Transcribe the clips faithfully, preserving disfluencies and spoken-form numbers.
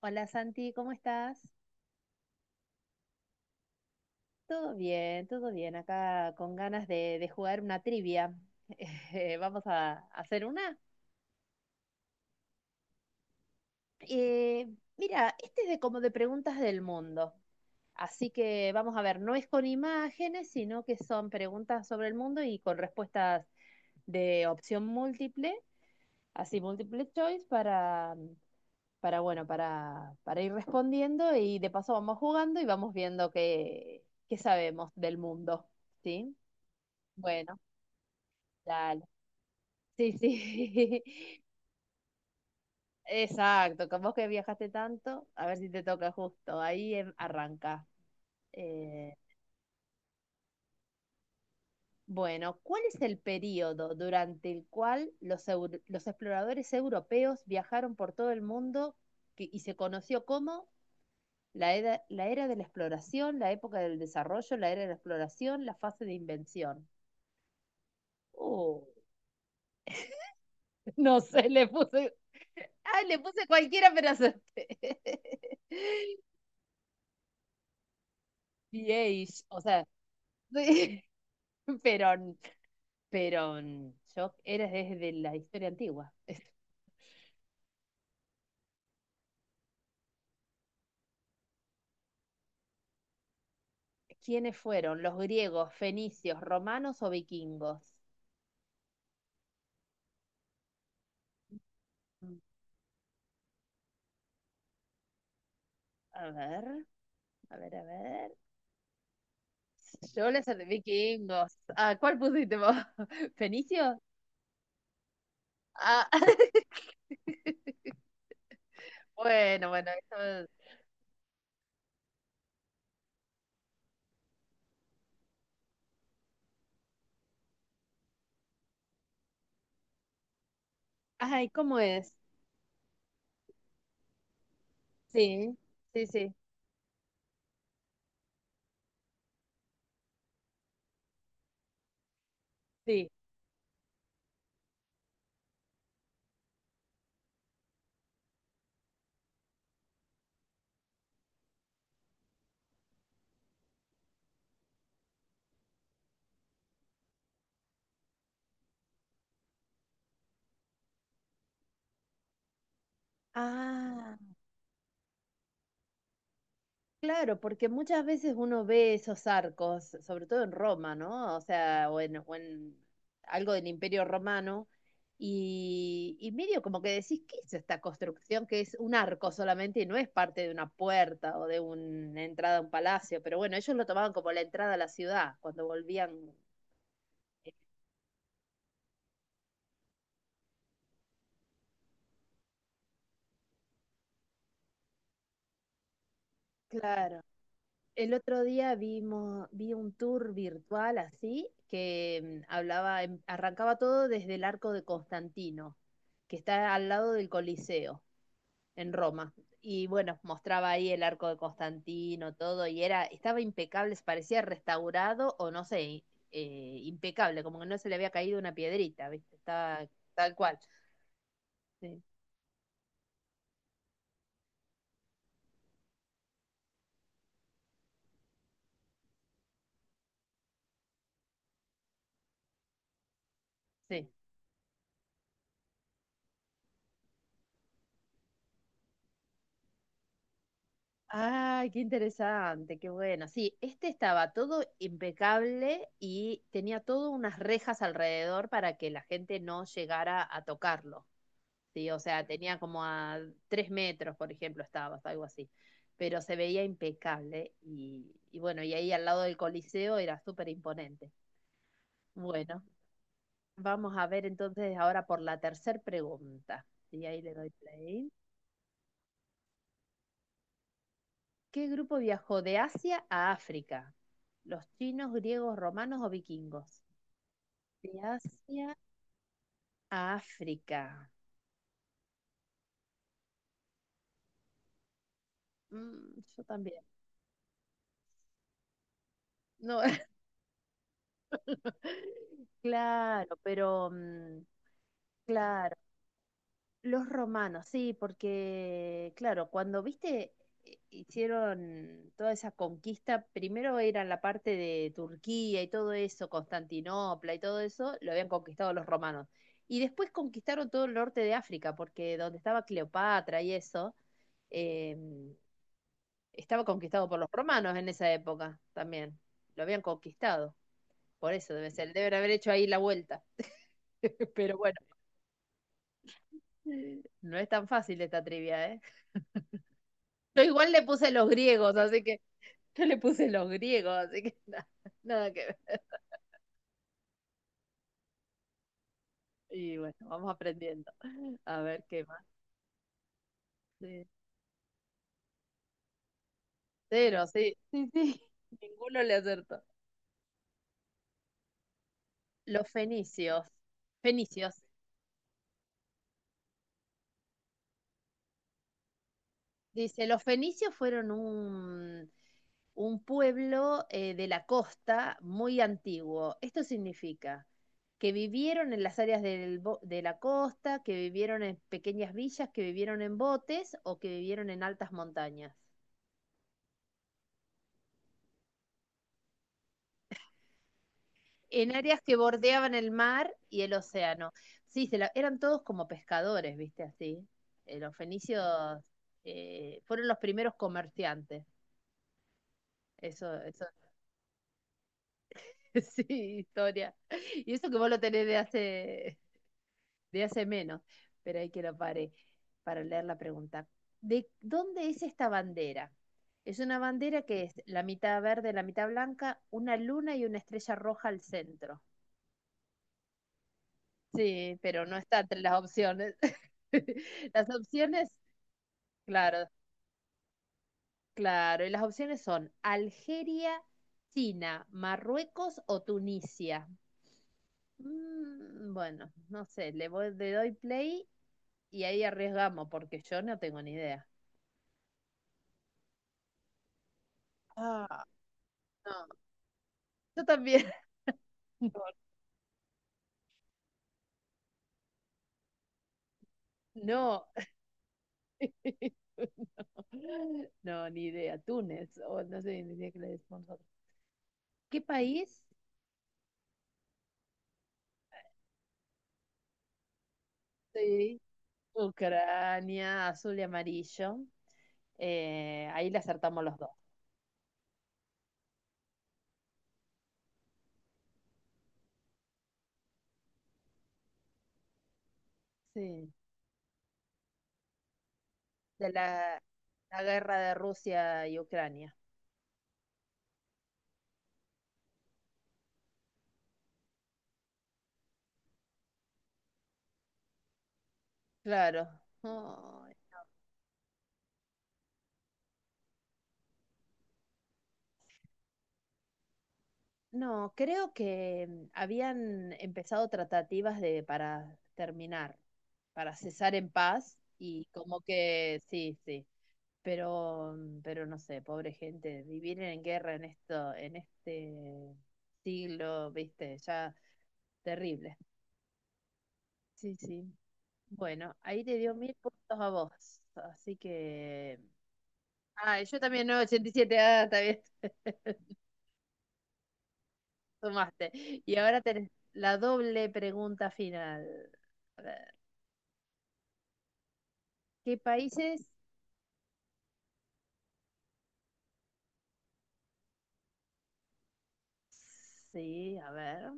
Hola Santi, ¿cómo estás? Todo bien, todo bien. Acá con ganas de, de jugar una trivia. Eh, vamos a, a hacer una. Eh, mira, este es de como de preguntas del mundo. Así que vamos a ver, no es con imágenes, sino que son preguntas sobre el mundo y con respuestas de opción múltiple, así multiple choice para, para bueno, para, para ir respondiendo y de paso vamos jugando y vamos viendo qué, qué sabemos del mundo, ¿sí? Bueno, dale. Sí, sí. Exacto. Con vos que viajaste tanto, a ver si te toca justo. Ahí em- arranca. Eh, bueno, ¿cuál es el periodo durante el cual los, eu- los exploradores europeos viajaron por todo el mundo que- y se conoció como la era, la era de la exploración, la época del desarrollo, la era de la exploración, la fase de invención? Uh, no sé, le puse, ah, le puse cualquiera, pero acerté. VAs, o sea, pero, pero yo era desde la historia antigua. ¿Quiénes fueron? ¿Los griegos, fenicios, romanos o vikingos? A ver, a ver, a ver. Yo les de vikingos. Ah, ¿cuál pusiste vos? ¿Fenicio? Ah, bueno, bueno. eso es- Ay, ¿cómo es? Sí, sí, sí, sí. Ah, claro, porque muchas veces uno ve esos arcos, sobre todo en Roma, ¿no? O sea, o en, o en algo del Imperio Romano, y, y medio como que decís, ¿qué es esta construcción que es un arco solamente y no es parte de una puerta o de una entrada a un palacio? Pero bueno, ellos lo tomaban como la entrada a la ciudad cuando volvían. Claro. El otro día vimos, vi un tour virtual así que mm, hablaba, em- arrancaba todo desde el arco de Constantino, que está al lado del Coliseo, en Roma. Y bueno, mostraba ahí el arco de Constantino, todo, y era, estaba impecable, parecía restaurado o no sé, eh, impecable, como que no se le había caído una piedrita, ¿viste? Estaba tal cual. Sí, sí. Ay, qué interesante, qué bueno. Sí, este estaba todo impecable y tenía todas unas rejas alrededor para que la gente no llegara a tocarlo. Sí, o sea, tenía como a tres metros, por ejemplo, estaba, algo así. Pero se veía impecable y, y bueno, y ahí al lado del Coliseo era súper imponente. Bueno, vamos a ver entonces ahora por la tercera pregunta. Y ahí le doy play. ¿Qué grupo viajó de Asia a África? ¿Los chinos, griegos, romanos o vikingos? De Asia a África. Mm, yo también. No, claro, pero mm, claro. Los romanos, sí, porque, claro, cuando viste, eh, hicieron toda esa conquista, primero era la parte de Turquía y todo eso, Constantinopla y todo eso, lo habían conquistado los romanos. Y después conquistaron todo el norte de África, porque donde estaba Cleopatra y eso, eh, estaba conquistado por los romanos en esa época también. Lo habían conquistado, por eso debe ser, deben haber hecho ahí la vuelta. Pero bueno. No es tan fácil esta trivia, ¿eh? Yo igual le puse los griegos, así que yo le puse los griegos, así que nada, nada que ver. Y bueno, vamos aprendiendo. A ver qué más. Sí, cero, sí, sí, sí. Ninguno le acertó. Los fenicios. Fenicios. Dice, los fenicios fueron un, un pueblo eh, de la costa muy antiguo. Esto significa que vivieron en las áreas del bo- de la costa, que vivieron en pequeñas villas, que vivieron en botes o que vivieron en altas montañas. En áreas que bordeaban el mar y el océano. Sí, se la- eran todos como pescadores, ¿viste? Así. Eh, los fenicios eh, fueron los primeros comerciantes. Eso, eso sí, historia. Y eso que vos lo tenés de hace, de hace menos, pero hay que lo pare para leer la pregunta. ¿De dónde es esta bandera? Es una bandera que es la mitad verde, la mitad blanca, una luna y una estrella roja al centro. Sí, pero no está entre las opciones. Las opciones, claro, claro, y las opciones son Algeria, China, Marruecos o Tunisia. Mm, bueno, no sé, le voy, le doy play y ahí arriesgamos, porque yo no tengo ni idea. Ah, no, yo también. No, no, no, ni idea. Túnez, o no sé ni idea que le decimos nosotros. ¿Qué país? Sí. Ucrania, azul y amarillo. Eh, ahí le acertamos los dos. Sí. De la, la guerra de Rusia y Ucrania. Claro. No, creo que mm, habían empezado tratativas de para terminar, para cesar en paz y como que sí, sí, pero mm, pero no sé, pobre gente, vivir en guerra en esto, en este siglo, viste, ya terrible. Sí, sí. Bueno, ahí te dio mil puntos a vos, así que ah, yo también no, novecientos ochenta y siete, ah, está bien. Tomaste. Y ahora tenés la doble pregunta final. A ver, ¿qué países? Sí, a ver.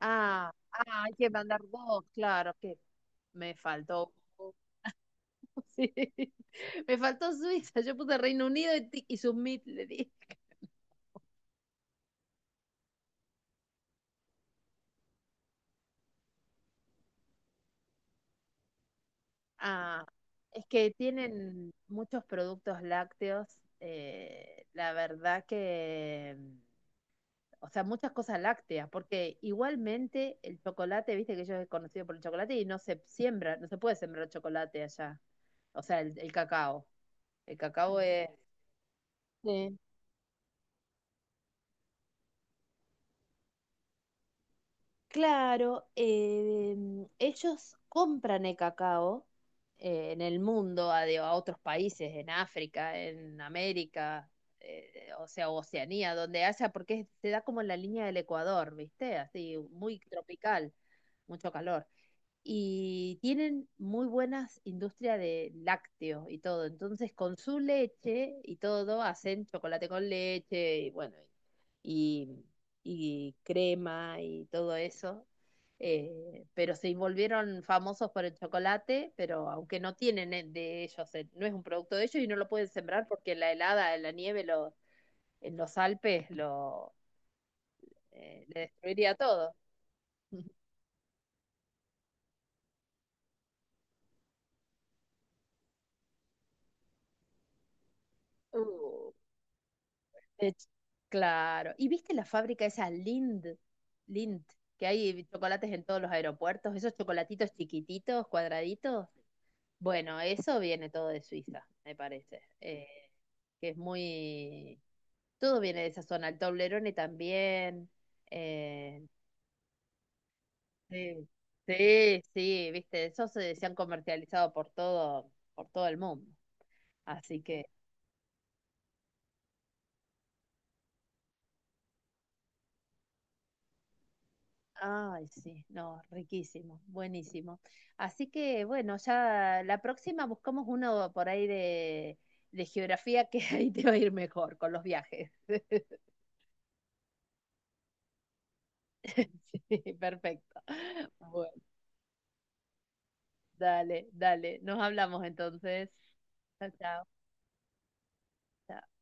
Ah, ah, hay que mandar dos, claro, que me faltó. Sí. Me faltó Suiza, yo puse Reino Unido y, ti- y submit le di. Ah, es que tienen muchos productos lácteos. eh, la verdad que o sea, muchas cosas lácteas, porque igualmente el chocolate, viste que ellos es conocido por el chocolate y no se siembra, no se puede sembrar chocolate allá, o sea, el, el cacao. El cacao es... Eh, claro, eh, ellos compran el cacao eh, en el mundo, a, de- a otros países, en África, en América, eh, o sea, Oceanía, donde haya, porque es- se da como en la línea del Ecuador, ¿viste? Así, muy tropical, mucho calor. Y tienen muy buenas industrias de lácteos y todo. Entonces, con su leche y todo, hacen chocolate con leche y bueno, y, y crema y todo eso. Eh, pero se volvieron famosos por el chocolate, pero aunque no tienen el de ellos, eh, no es un producto de ellos y no lo pueden sembrar porque la helada, la nieve, lo, en los Alpes lo, eh, le destruiría todo. Uh, De ch- claro. ¿Y viste la fábrica esa Lind? Lind, que hay chocolates en todos los aeropuertos, esos chocolatitos chiquititos, cuadraditos. Bueno, eso viene todo de Suiza, me parece. Eh, que es muy... Todo viene de esa zona, el Toblerone también. eh, sí, sí, sí, viste, esos eh, se han comercializado por todo, por todo el mundo. Así que... Ay, sí, no, riquísimo, buenísimo. Así que bueno, ya la próxima buscamos uno por ahí de, de geografía que ahí te va a ir mejor con los viajes. Sí, perfecto. Bueno, dale, dale, nos hablamos entonces. Chao, chao. Chao.